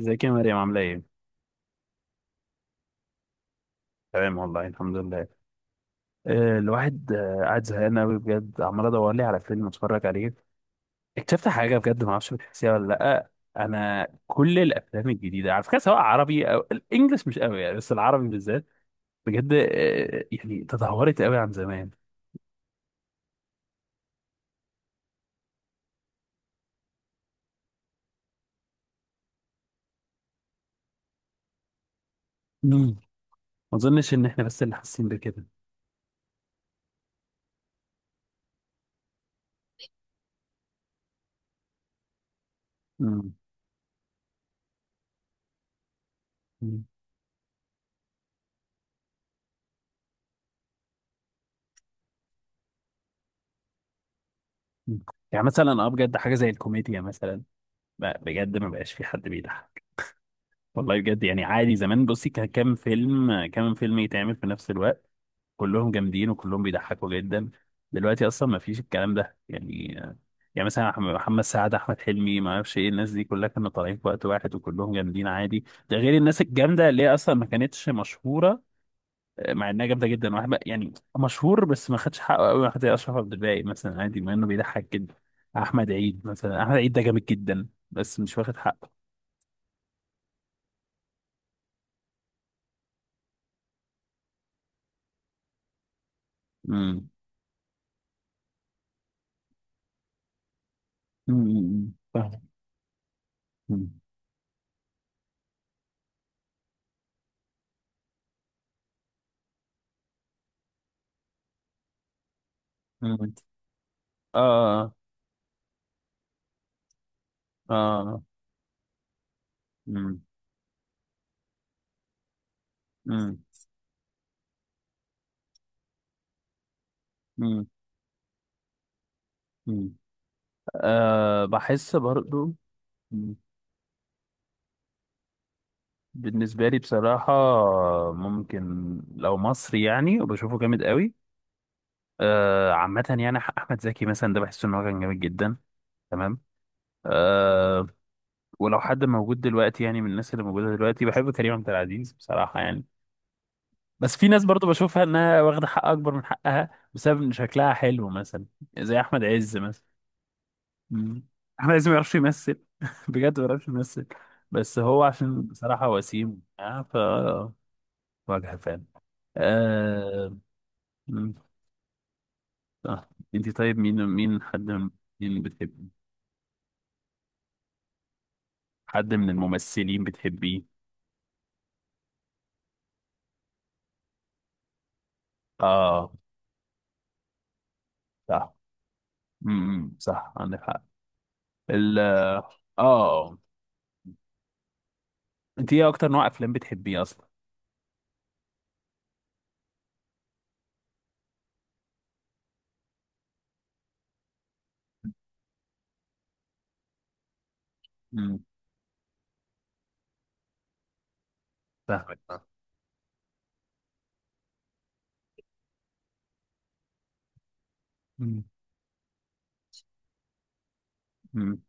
ازيك يا مريم عاملة ايه؟ تمام والله الحمد لله. الواحد قاعد زهقان قوي بجد، عمال ادور لي على فيلم اتفرج عليه. اكتشفت حاجة بجد، ما اعرفش بتحسيها ولا لأ. انا كل الافلام الجديدة على فكرة سواء عربي او الانجليش مش قوي يعني، بس العربي بالذات بجد يعني تدهورت قوي عن زمان. مم. ما اظنش ان احنا بس اللي حاسين بكده. مم. مم. مم. يعني مثلا اه بجد حاجة زي الكوميديا مثلا، بجد ما بقاش في حد بيضحك. والله بجد يعني، عادي زمان بصي كان كام فيلم كام فيلم يتعمل في نفس الوقت، كلهم جامدين وكلهم بيضحكوا جدا. دلوقتي اصلا ما فيش الكلام ده يعني. يعني مثلا محمد سعد، احمد حلمي، ما اعرفش ايه، الناس دي كلها كانوا طالعين في وقت واحد وكلهم جامدين عادي. ده غير الناس الجامده اللي هي اصلا ما كانتش مشهوره. مع انها جامده جدا، واحد يعني مشهور بس ما خدش حقه قوي، واحد زي اشرف عبد الباقي مثلا عادي، مع انه بيضحك جدا. احمد عيد مثلا، احمد عيد ده جامد جدا بس مش واخد حقه. امم. أمم، أمم، فاهم. مم. اه اه. مم. مم. مم. مم. آه بحس برضو. مم. بالنسبة لي بصراحة ممكن، لو مصري يعني وبشوفه جامد قوي آه، عامة يعني أحمد زكي مثلا، ده بحس إن هو كان جامد جدا. تمام آه. ولو حد موجود دلوقتي يعني، من الناس اللي موجودة دلوقتي بحب كريم عبد العزيز بصراحة يعني. بس في ناس برضو بشوفها إنها واخدة حق أكبر من حقها بسبب إن شكلها حلو مثلا، زي أحمد عز مثلا. مم. احمد عز ما يعرفش يمثل. بجد ما يعرفش يمثل. بس هو عشان بصراحة وسيم آه ف واجهة فعلا. آه... مم. آه. انت طيب، مين حد من، مين بتحب، حد من الممثلين بتحبيه؟ اه صح. صح عندك حق. ال اه. انت ايه اكتر نوع افلام بتحبيه اصلا؟ امم فاهمك. مم. مم.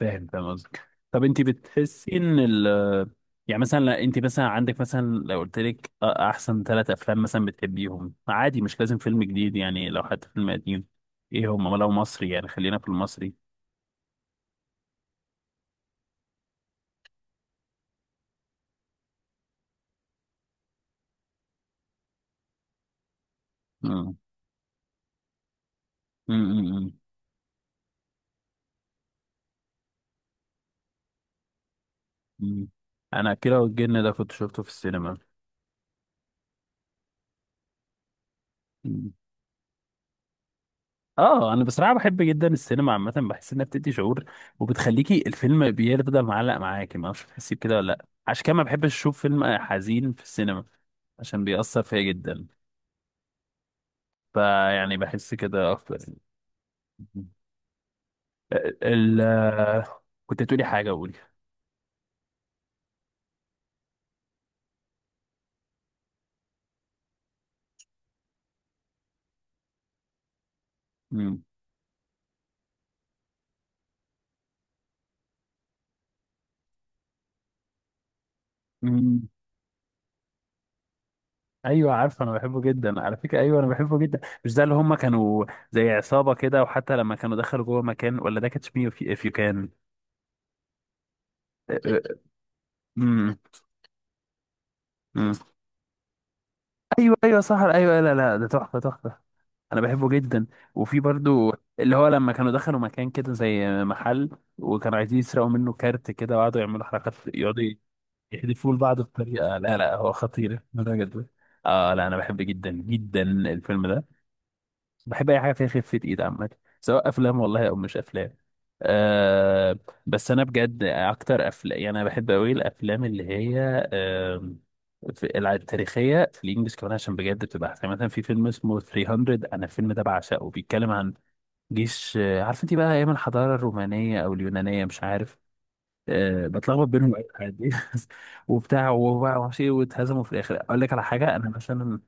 فاهم فاهم قصدك. طب انت بتحسي ان ال، يعني مثلا لا، انت مثلا عندك مثلا، لو قلت لك احسن ثلاث افلام مثلا بتحبيهم عادي، مش لازم فيلم جديد يعني، لو حتى فيلم قديم ايه هم؟ لو مصري يعني، خلينا في المصري. مم. مم. مم. مم. مم. انا كده، والجن ده كنت شفته في السينما. مم. اه انا بصراحه بحب جدا السينما عامه، بحس انها بتدي شعور، وبتخليكي الفيلم بيفضل معلق معاكي، ما اعرفش بتحسي بكده ولا لا، عشان كده ما بحبش اشوف فيلم حزين في السينما عشان بيأثر فيا جدا. فيعني بحس كده اكتر. ال كنت تقولي حاجه، قولي. مم. مم. ايوه عارف، انا بحبه جدا على فكره، ايوه انا بحبه جدا. مش ده اللي هم كانوا زي عصابه كده، وحتى لما كانوا دخلوا جوه مكان، ولا ده كاتش مي اف يو كان؟ امم. ايوه ايوه صح ايوه، لا لا ده تحفه تحفه. انا بحبه جدا. وفي برضو اللي هو لما كانوا دخلوا مكان كده زي محل، وكانوا عايزين يسرقوا منه كارت كده، وقعدوا يعملوا حركات، يقعدوا يحدفوا لبعض بطريقة، لا لا هو خطير بجد. اه لا انا بحب جدا جدا الفيلم ده. بحب اي حاجة فيها خفة ايد عامة، سواء افلام والله او مش افلام. آه. بس انا بجد اكتر افلام يعني، انا بحب قوي الافلام اللي هي آه، في التاريخية في الانجليش كمان، عشان بجد بتبقى احسن. مثلا في فيلم اسمه 300، انا الفيلم ده بعشقه، بيتكلم عن جيش عارف انت بقى ايام الحضارة الرومانية او اليونانية مش عارف، بتلخبط بينهم أوي عادي. وبتاع وبقى ومعرفش ايه، واتهزموا في الاخر. اقول لك على حاجه انا مثلا،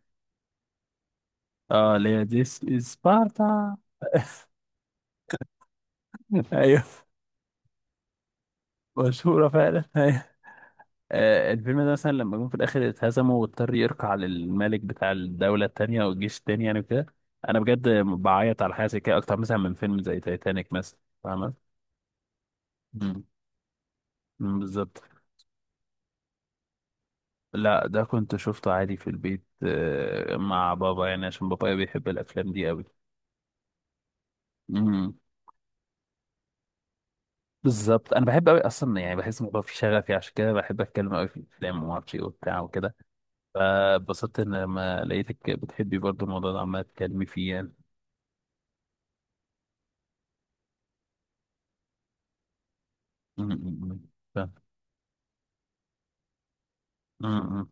اه اللي هي ديس سبارتا. ايوه. مشهوره فعلا. ايوه. الفيلم ده مثلا لما جم في الاخر اتهزموا، واضطر يركع للملك بتاع الدوله التانيه والجيش التاني يعني وكده. انا بجد بعيط على حاجه زي كده اكتر مثلا من فيلم زي تايتانيك مثلا. فاهمه. مم. مم، بالظبط. لا ده كنت شفته عادي في البيت مع بابا يعني، عشان بابايا بيحب الافلام دي قوي. امم. بالظبط انا بحب قوي اصلا يعني، بحس ان في شغفي، عشان كده بحب اتكلم قوي في الافلام، وما اعرفش ايه وبتاع وكده. فاتبسطت ان لما لقيتك بتحبي برضو الموضوع ده، عمال تتكلمي فيه يعني. أمم، أمم، فاهم. أمم، أمم،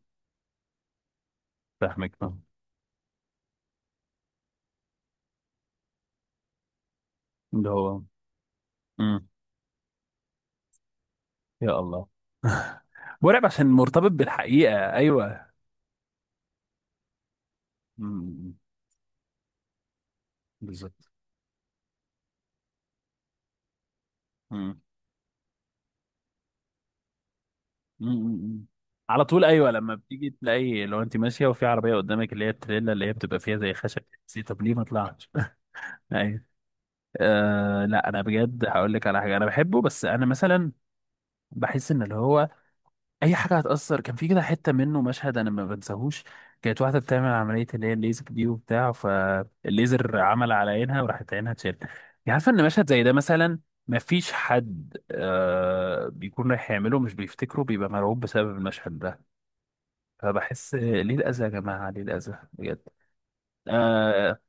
فاهمك فاهم. اللي هو أمم، يا الله. مرعب عشان مرتبط بالحقيقه، ايوه. أمم، أمم، بالظبط. أمم، أمم، أمم. على طول ايوه، لما بتيجي تلاقي، لو انت ماشيه وفي عربيه قدامك اللي هي التريلا، اللي هي بتبقى فيها زي خشب، طب ليه ما طلعتش؟ أه لا انا بجد هقول لك على حاجه انا بحبه، بس انا مثلا بحس ان اللي هو اي حاجه هتاثر، كان في كده حته منه مشهد انا ما بنساهوش، كانت واحده بتعمل عمليه اللي هي الليزك دي وبتاع، فالليزر عمل على عينها وراحت عينها اتشالت يعني. عارفه ان مشهد زي ده مثلا، ما فيش حد أه بيكون رايح يعمله مش بيفتكره، بيبقى مرعوب بسبب المشهد ده. فبحس ليه الاذى يا جماعه، ليه الاذى بجد. أه.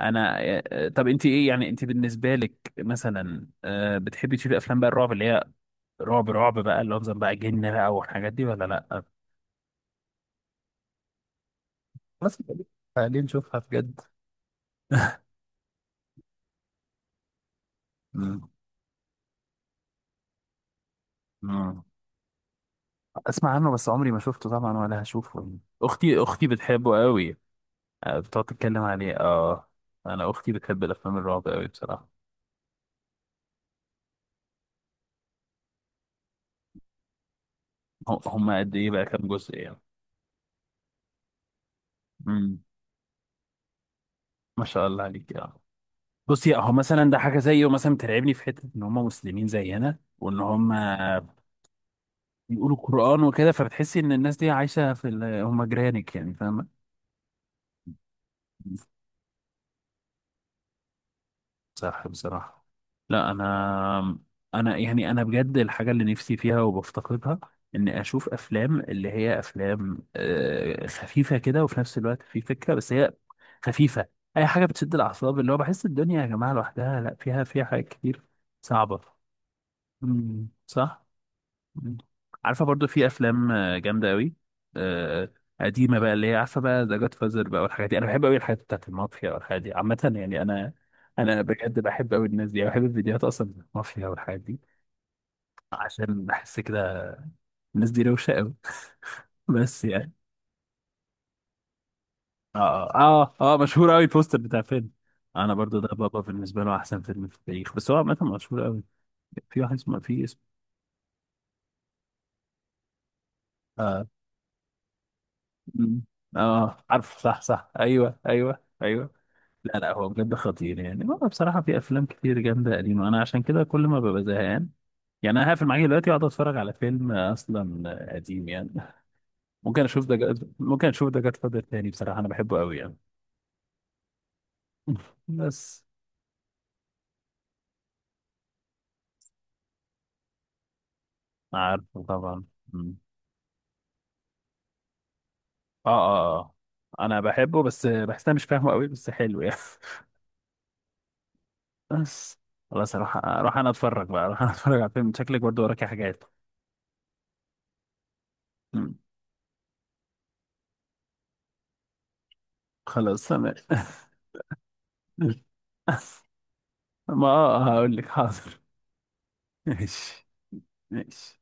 انا طب انت ايه يعني، انت بالنسبه لك مثلا بتحبي تشوفي افلام بقى الرعب، اللي هي رعب رعب بقى، اللي هو مثلا بقى جن بقى والحاجات دي ولا لا؟ بس خلينا نشوفها بجد. مم. مم. اسمع عنه، بس عمري ما شفته طبعا ولا هشوفه. اختي بتحبه قوي. بتقعد تتكلم عليه اه. انا اختي بتحب الافلام الرعب قوي بصراحه. هم. هم قد ايه بقى كام جزء يعني؟ مم. ما شاء الله عليك اه. بصي اهو، مثلا ده حاجه زيه مثلا بترعبني في حته، ان هم مسلمين زينا، وان هم بيقولوا قران وكده، فبتحسي ان الناس دي عايشه في ال... هم جيرانك يعني، فاهمه؟ صح بصراحه. لا انا، يعني انا بجد الحاجه اللي نفسي فيها وبفتقدها، اني اشوف افلام اللي هي افلام خفيفه كده، وفي نفس الوقت في فكره، بس هي خفيفه، اي حاجه بتشد الاعصاب، اللي هو بحس الدنيا يا جماعه لوحدها، لا فيها حاجات كتير صعبه. مم، صح. مم. عارفه برضو في افلام جامده قوي قديمه بقى، اللي هي عارفه بقى، ذا جاد فازر بقى والحاجات دي. انا بحب قوي الحاجات بتاعت المافيا والحاجات دي عامه يعني، انا بجد بحب قوي الناس دي. أنا بحب الفيديوهات اصلا بتاعت المافيا والحاجات دي، عشان بحس كده الناس دي روشه قوي. بس يعني اه اه اه مشهور قوي البوستر بتاع فيلم، انا برضو ده بابا بالنسبه له احسن فيلم في التاريخ، بس هو عامه مشهور قوي. في واحد اسمه في اسم اه. مم. اه عارف صح صح ايوه ايوه ايوه. لا لا هو بجد خطير يعني، هو بصراحة في أفلام كتير جامدة قديمة، أنا عشان كده كل ما ببقى زهقان يعني، أنا هقفل معاك دلوقتي وأقعد أتفرج على فيلم أصلا قديم يعني. ممكن أشوف ده جاد فاذر تاني، بصراحة أنا بحبه أوي يعني. بس عارفه طبعا. مم. آه آه آه. أنا بحبه بس بحس أنا مش فاهمه أوي، بس حلو يعني. بس خلاص، أروح أنا أتفرج على فيلم، شكلك برضه وراكي حاجات. مم. خلاص تمام. ما هقول لك حاضر. ماشي. ماشي.